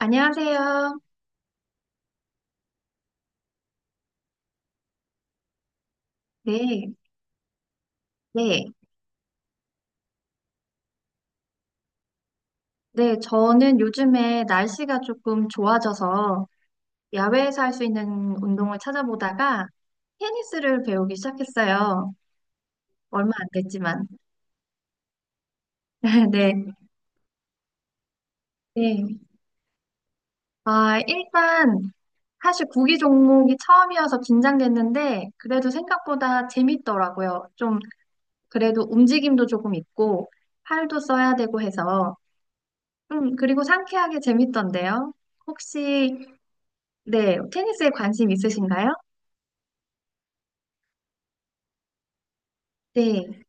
안녕하세요. 네, 네, 네. 저는 요즘에 날씨가 조금 좋아져서 야외에서 할 수 있는 운동을 찾아보다가 테니스를 배우기 시작했어요. 얼마 안 됐지만. 네, 네. 아, 일단 사실 구기 종목이 처음이어서 긴장됐는데 그래도 생각보다 재밌더라고요. 좀 그래도 움직임도 조금 있고 팔도 써야 되고 해서 그리고 상쾌하게 재밌던데요. 혹시 네, 테니스에 관심 있으신가요? 네.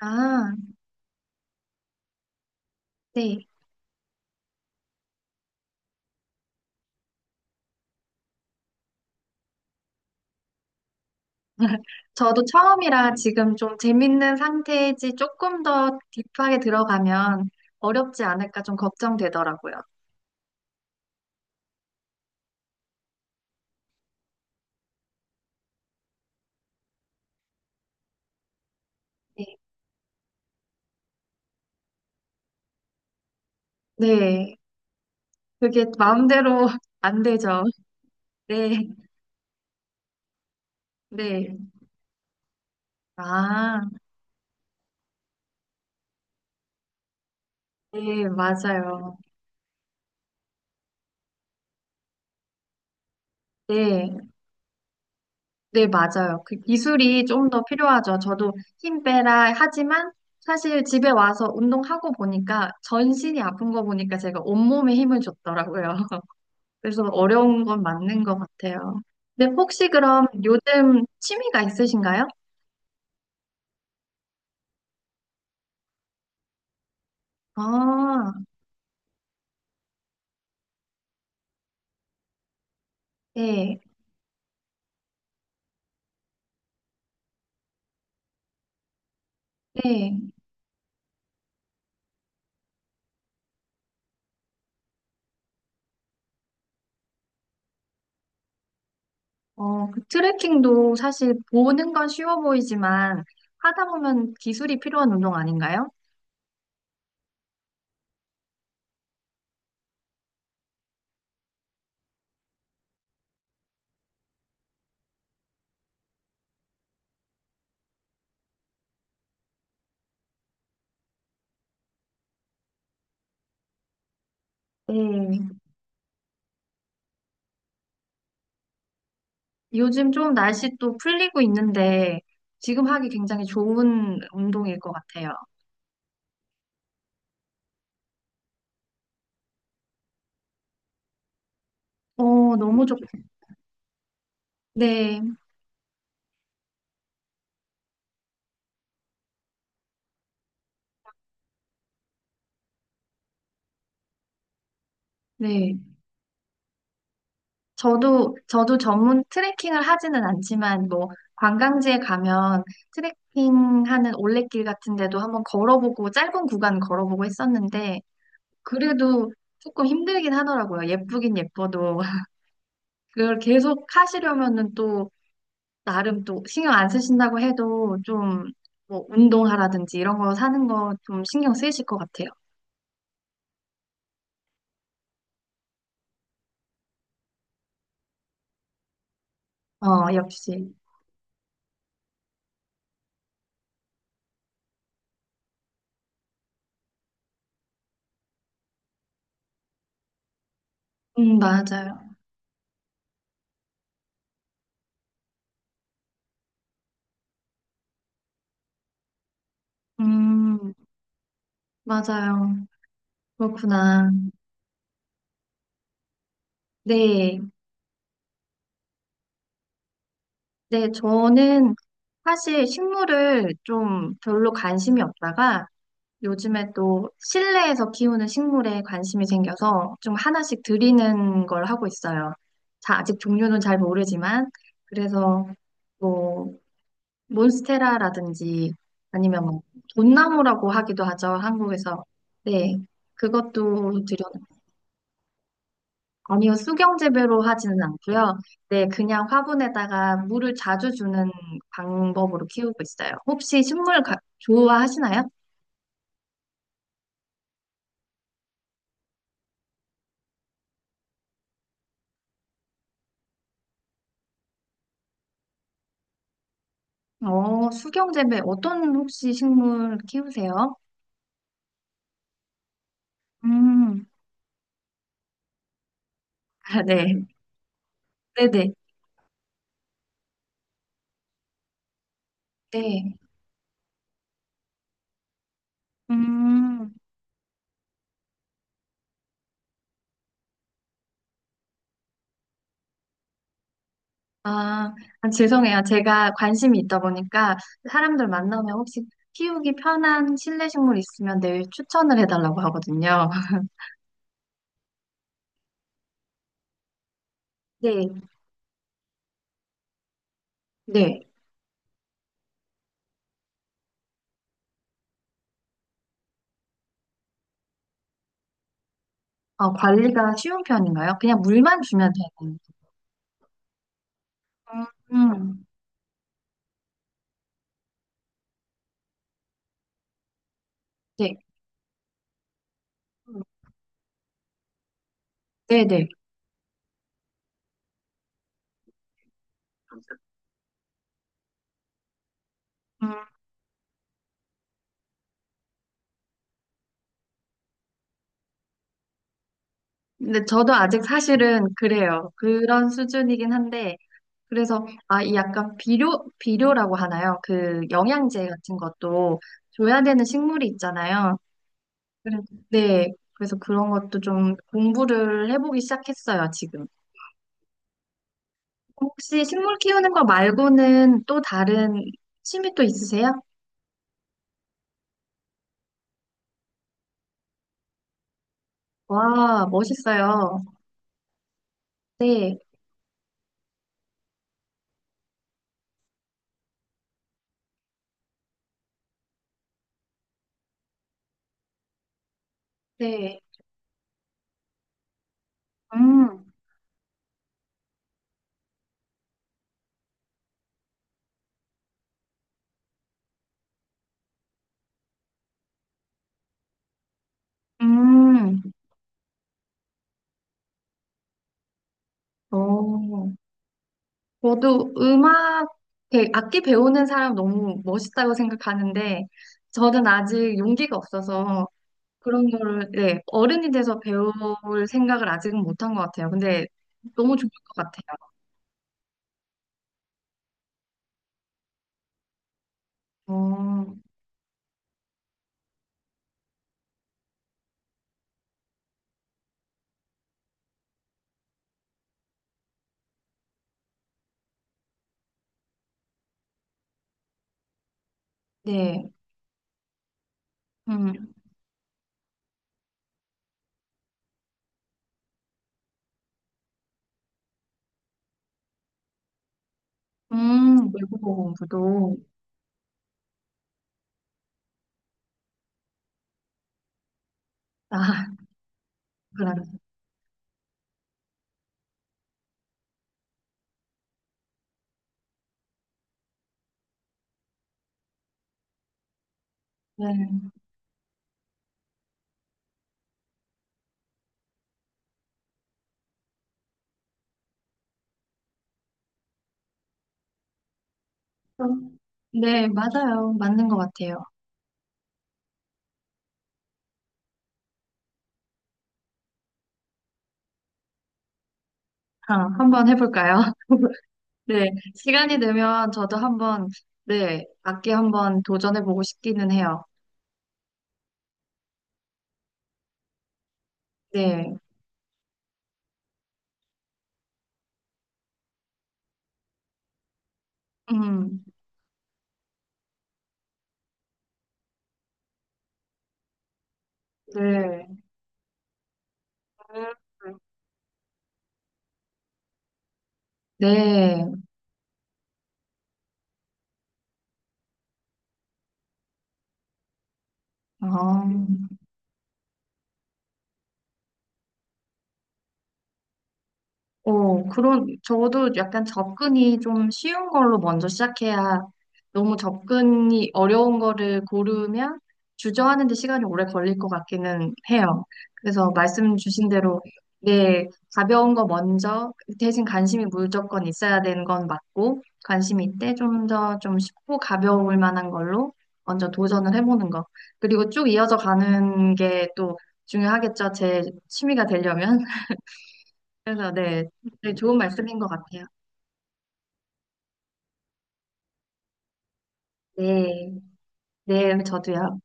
아, 네. 저도 처음이라 지금 좀 재밌는 상태이지 조금 더 딥하게 들어가면 어렵지 않을까 좀 걱정되더라고요. 네. 네. 그게 마음대로 안 되죠. 네. 네. 아, 네, 맞아요. 네. 네, 맞아요. 그 기술이 좀 더 필요하죠. 저도 힘 빼라 하지만 사실 집에 와서 운동하고 보니까 전신이 아픈 거 보니까 제가 온몸에 힘을 줬더라고요. 그래서 어려운 건 맞는 것 같아요. 근데 혹시 그럼 요즘 취미가 있으신가요? 아, 네, 네. 어, 그 트레킹도 사실 보는 건 쉬워 보이지만 하다 보면 기술이 필요한 운동 아닌가요? 네. 요즘 좀 날씨 또 풀리고 있는데 지금 하기 굉장히 좋은 운동일 것 같아요. 어, 너무 좋, 네, 네. 저도 전문 트레킹을 하지는 않지만 뭐 관광지에 가면 트레킹하는 올레길 같은 데도 한번 걸어보고 짧은 구간 걸어보고 했었는데 그래도 조금 힘들긴 하더라고요. 예쁘긴 예뻐도. 그걸 계속 하시려면은 또 나름 또 신경 안 쓰신다고 해도 좀 뭐 운동하라든지 이런 거 사는 거 좀 신경 쓰이실 것 같아요. 어, 역시. 맞아요. 음, 맞아요. 그렇구나. 네. 네, 저는 사실 식물을 좀 별로 관심이 없다가 요즘에 또 실내에서 키우는 식물에 관심이 생겨서 좀 하나씩 들이는 걸 하고 있어요. 자, 아직 종류는 잘 모르지만 그래서 뭐 몬스테라라든지 아니면 뭐 돈나무라고 하기도 하죠. 한국에서. 네. 그것도 들여 아니요. 수경재배로 하지는 않고요. 네, 그냥 화분에다가 물을 자주 주는 방법으로 키우고 있어요. 혹시 좋아하시나요? 어, 수경재배 어떤 혹시 식물 키우세요? 음, 아, 네. 네네. 네. 음. 아, 죄송해요. 제가 관심이 있다 보니까 사람들 만나면 혹시 키우기 편한 실내 식물 있으면 늘 추천을 해달라고 하거든요. 네, 네. 어, 관리가 쉬운 편인가요? 그냥 물만 주면 되는. 음, 네, 네, 네. 음, 근데 저도 아직 사실은 그래요. 그런 수준이긴 한데, 그래서, 아, 이 약간 비료, 비료라고 하나요? 그 영양제 같은 것도 줘야 되는 식물이 있잖아요. 그래서, 네. 그래서 그런 것도 좀 공부를 해보기 시작했어요, 지금. 혹시 식물 키우는 거 말고는 또 다른 취미 또 있으세요? 와, 멋있어요. 네, 네. 음, 음. 어, 저도 음악, 악기 배우는 사람 너무 멋있다고 생각하는데, 저는 아직 용기가 없어서 그런 거를, 네, 어른이 돼서 배울 생각을 아직은 못한 것 같아요. 근데 너무 좋을 것 같아요. 어, 네. 음. 외국어 공부도. 아, 그러네. 네. 좀, 네, 맞아요. 맞는 것 같아요. 아, 한번 해볼까요? 네. 시간이 되면 저도 한번, 네, 악기 한번 도전해보고 싶기는 해요. 네. 음, 네. 네. 어. 어, 그런, 저도 약간 접근이 좀 쉬운 걸로 먼저 시작해야 너무 접근이 어려운 거를 고르면 주저하는 데 시간이 오래 걸릴 것 같기는 해요. 그래서 말씀 주신 대로, 네, 가벼운 거 먼저, 대신 관심이 무조건 있어야 되는 건 맞고, 관심이 있대 좀 더 좀 쉽고 가벼울 만한 걸로 먼저 도전을 해보는 거. 그리고 쭉 이어져 가는 게 또 중요하겠죠. 제 취미가 되려면. 그래서 네, 네, 좋은 말씀인 것 같아요. 네, 네, 저도요.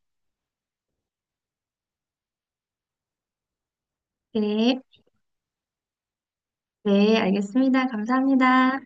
네, 네, 알겠습니다. 감사합니다.